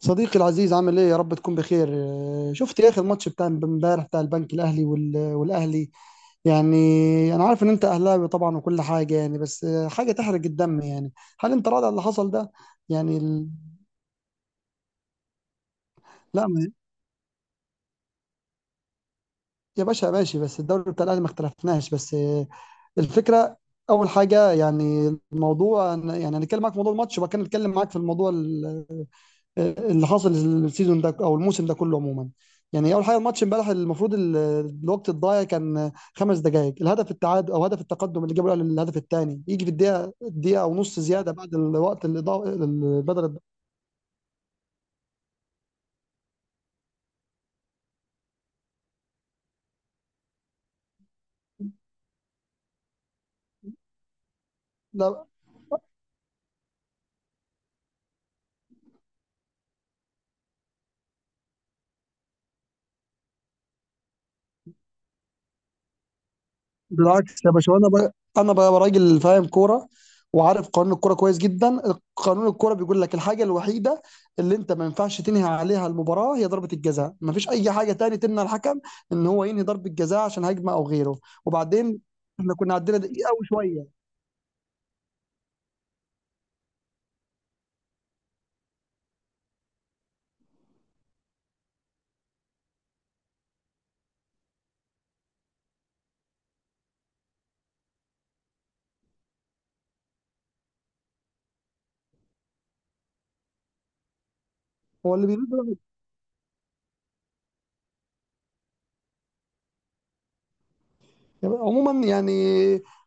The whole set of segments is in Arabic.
صديقي العزيز، عامل ايه؟ يا رب تكون بخير. شفت يا اخي الماتش بتاع امبارح بتاع البنك الاهلي والاهلي يعني. انا عارف ان انت اهلاوي طبعا وكل حاجه يعني، بس حاجه تحرق الدم يعني. هل انت راضي على اللي حصل ده؟ يعني لا ما- يا باشا ماشي، بس الدوري بتاع الاهلي ما اختلفناش، بس الفكره. اول حاجه يعني الموضوع يعني هنتكلم معاك في موضوع الماتش وبعد كده نتكلم معاك في الموضوع اللي حصل السيزون ده او الموسم ده كله عموما. يعني اول حاجه الماتش امبارح المفروض الوقت الضايع كان 5 دقائق، الهدف التعادل او هدف التقدم اللي جابه الاهلي الهدف الثاني يجي في الدقيقه دقيقه او نص زياده بعد الوقت اللي ضاع البدل. بالعكس يا باشا، انا بقى راجل فاهم كوره وعارف قانون الكوره كويس جدا. قانون الكوره بيقول لك الحاجه الوحيده اللي انت ما ينفعش تنهي عليها المباراه هي ضربه الجزاء، ما فيش اي حاجه تاني تمنع الحكم ان هو ينهي ضربه جزاء عشان هجمه او غيره. وبعدين احنا كنا عندنا دقيقه وشويه. هو اللي بيريد الجزاء. عموما يعني،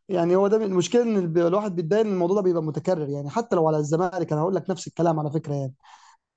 يعني هو ده المشكله، ان الواحد بيتضايق ان الموضوع ده بيبقى متكرر، يعني حتى لو على الزمالك انا هقول لك نفس الكلام على فكره يعني.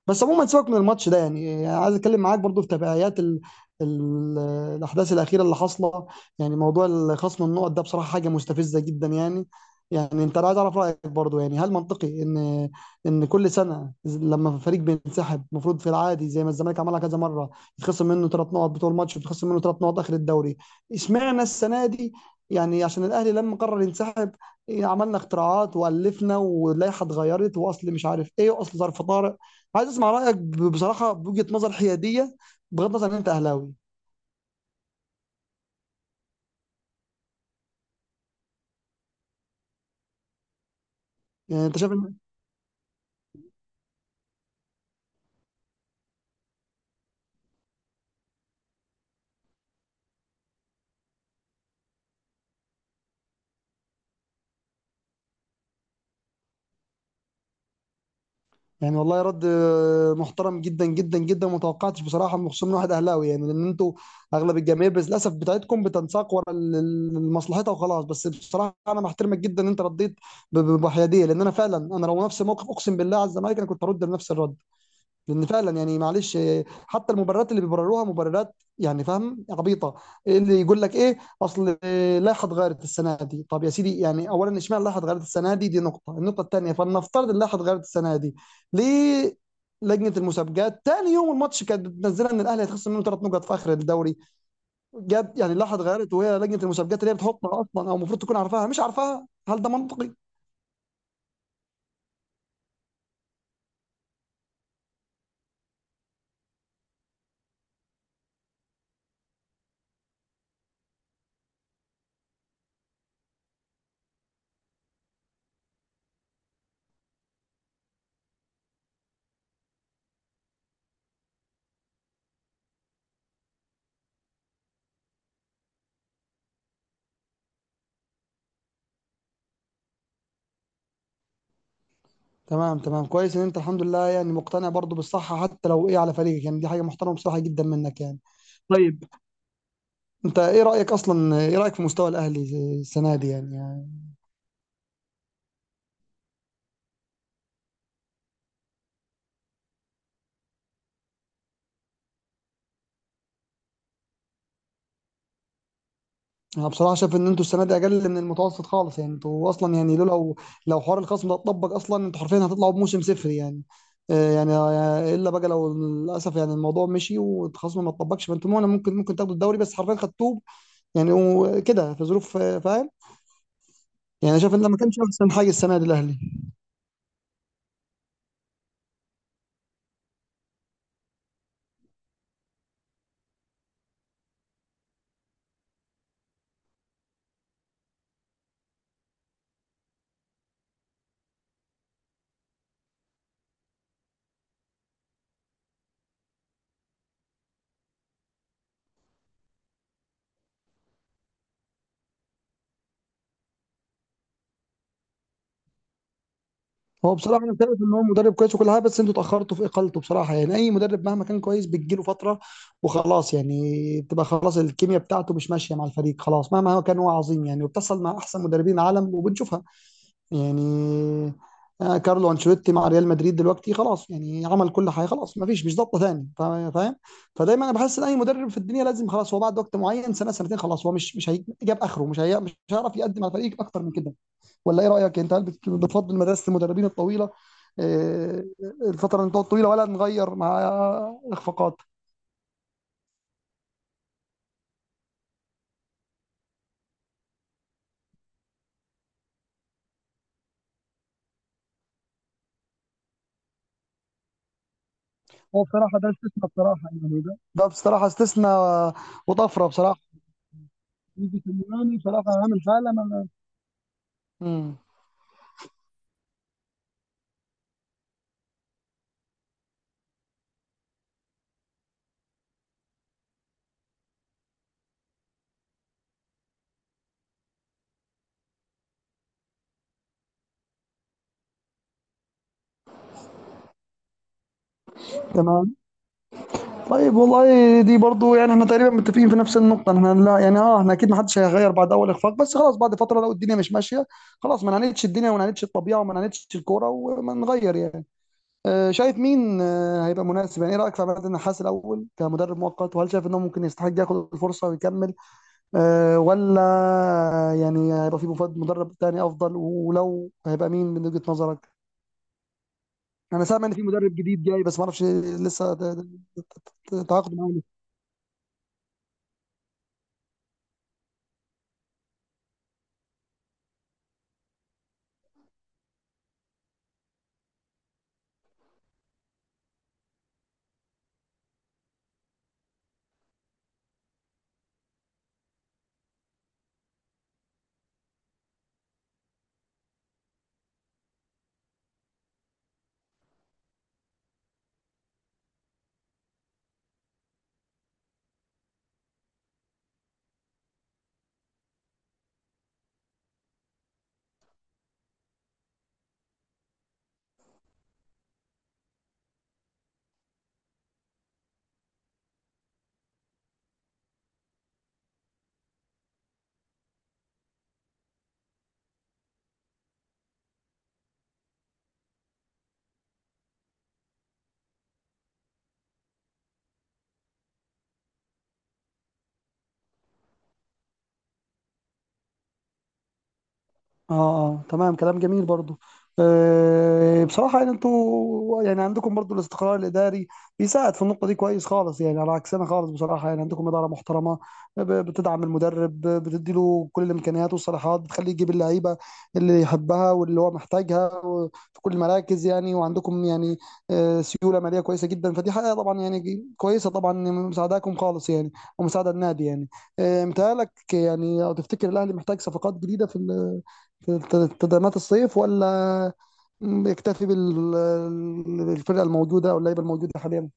بس عموما سيبك من الماتش ده، يعني عايز اتكلم معاك برضو في تبعيات ال... الاحداث الاخيره اللي حاصله. يعني موضوع خصم النقط ده بصراحه حاجه مستفزه جدا يعني. يعني انت، أنا عايز اعرف رايك برضو، يعني هل منطقي ان ان كل سنه لما فريق بينسحب المفروض في العادي زي ما الزمالك عملها كذا مره يتخصم منه 3 نقط بطول ماتش، ويتخصم منه 3 نقط اخر الدوري؟ اشمعنى السنه دي؟ يعني عشان الاهلي لما قرر ينسحب عملنا اختراعات والفنا واللائحه اتغيرت، واصل مش عارف ايه، واصل ظرف طارئ. عايز اسمع رايك بصراحه بوجهه نظر حياديه، بغض النظر ان انت اهلاوي. يعني انت شايف يعني والله رد محترم جدا جدا جدا، وما توقعتش بصراحه خصوصا من واحد اهلاوي، يعني لان انتوا اغلب الجماهير بس للاسف بتاعتكم بتنساق ورا مصلحتها وخلاص. بس بصراحه انا بحترمك جدا ان انت رديت بحياديه، لان انا فعلا، انا لو نفس الموقف اقسم بالله على الزمالك انا كنت هرد بنفس الرد، لان فعلا يعني معلش حتى المبررات اللي بيبرروها مبررات يعني فاهم عبيطه. اللي يقول لك ايه اصل اللائحه اتغيرت السنه دي. طب يا سيدي، يعني اولا اشمعنى اللائحه اتغيرت السنه دي؟ دي نقطه. النقطه الثانيه، فلنفترض اللائحه اتغيرت السنه دي، ليه لجنه المسابقات تاني يوم الماتش كانت بتنزلها ان الاهلي هيتخصم منه 3 نقط في اخر الدوري؟ جت يعني اللائحه اتغيرت وهي لجنه المسابقات اللي هي بتحطها اصلا او المفروض تكون عارفاها مش عارفاها. هل ده منطقي؟ تمام تمام، كويس ان انت الحمد لله يعني مقتنع برضو بالصحة حتى لو ايه على فريقك، يعني دي حاجة محترمة بصراحة جدا منك يعني. طيب، انت ايه رأيك اصلا؟ ايه رأيك في مستوى الاهلي السنة دي يعني، يعني انا بصراحة شايف ان انتوا السنة دي اقل من المتوسط خالص، يعني انتوا اصلا يعني لولا لو لو حوار الخصم ده اتطبق اصلا انتوا حرفيا هتطلعوا بموسم صفري يعني. يعني الا بقى لو للاسف يعني الموضوع مشي والخصم ما اتطبقش فانتوا ممكن تاخدوا الدوري، بس حرفيا خدتوه يعني، وكده في ظروف فاهم. يعني شايف ان ده ما كانش احسن حاجة السنة دي الاهلي. هو بصراحة أنا شايف إن هو مدرب كويس وكل حاجة، بس أنتوا اتأخرتوا في إقالته بصراحة. يعني أي مدرب مهما كان كويس بتجيله فترة وخلاص، يعني بتبقى خلاص الكيمياء بتاعته مش ماشية مع الفريق خلاص، مهما هو كان هو عظيم يعني، وبتحصل مع أحسن مدربين العالم وبنشوفها يعني. كارلو أنشيلوتي مع ريال مدريد دلوقتي خلاص يعني، عمل كل حاجة، خلاص ما فيش، مش ضابطة تاني. فاهم؟ فدايما أنا بحس إن أي مدرب في الدنيا لازم خلاص هو بعد وقت معين، سنة سنتين، خلاص هو مش هيجيب آخره، مش هيعرف يقدم على الفريق أكتر من كده. ولا ايه رايك انت؟ هل بتفضل مدرسه المدربين الطويله، آه، الفتره الطويله، ولا نغير مع اخفاقات؟ هو بصراحة ده استثناء بصراحة، يعني ده بصراحه استثناء وطفره بصراحه، يجي في اليوناني بصراحة عامل حالة ما. امم تمام. طيب والله دي برضو يعني احنا تقريبا متفقين في نفس النقطة. احنا لا، يعني احنا اكيد ما حدش هيغير بعد اول اخفاق، بس خلاص بعد فترة لو الدنيا مش ماشية خلاص، ما نعاندش الدنيا وما نعاندش الطبيعة وما نعاندش الكورة وما نغير يعني. شايف مين هيبقى مناسب؟ يعني ايه رايك في عماد النحاس الاول كمدرب مؤقت؟ وهل شايف انه ممكن يستحق ياخد الفرصه ويكمل ولا؟ يعني هيبقى في مدرب تاني افضل؟ ولو هيبقى مين من وجهه نظرك؟ انا سامع ان في مدرب جديد جاي، بس ما اعرفش لسه تعاقد معاه. اه، اه، تمام، كلام جميل برضو. بصراحة يعني انتوا يعني عندكم برضو الاستقرار الإداري، بيساعد في النقطة دي كويس خالص، يعني على عكسنا خالص بصراحة، يعني عندكم إدارة محترمة، بتدعم المدرب، بتدي له كل الإمكانيات والصلاحيات، بتخليه يجيب اللعيبة اللي يحبها واللي هو محتاجها في كل المراكز يعني. وعندكم يعني سيولة مالية كويسة جدا، فدي حاجة طبعا يعني كويسة، طبعا يعني مساعداكم خالص يعني، ومساعدة النادي يعني. متهيألك يعني، أو تفتكر الأهلي محتاج صفقات جديدة في تدعيمات الصيف؟ ولا يكتفي بالفرقه الموجوده او اللعيبه الموجوده حاليا؟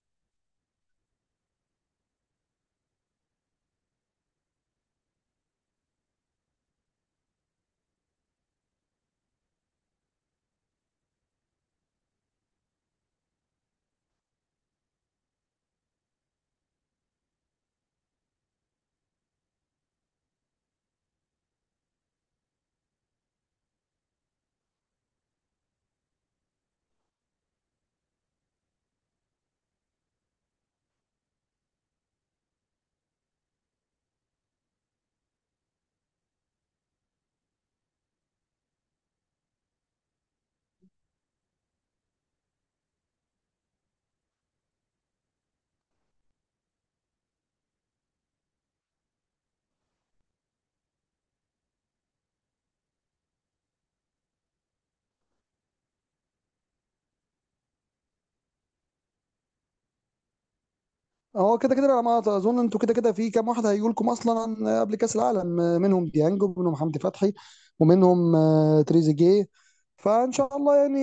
هو كده كده على ما اظن انتوا كده كده في كام واحد هيجوا لكم اصلا قبل كاس العالم، منهم ديانج ومنهم حمدي فتحي ومنهم تريزيجيه. فان شاء الله يعني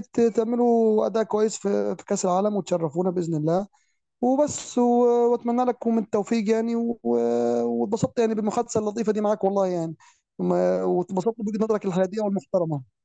تعملوا اداء كويس في كاس العالم وتشرفونا باذن الله. وبس، واتمنى لكم التوفيق يعني، واتبسطت يعني بالمحادثه اللطيفه دي معاك والله يعني. واتبسطت بوجهه نظرك الحياديه والمحترمه.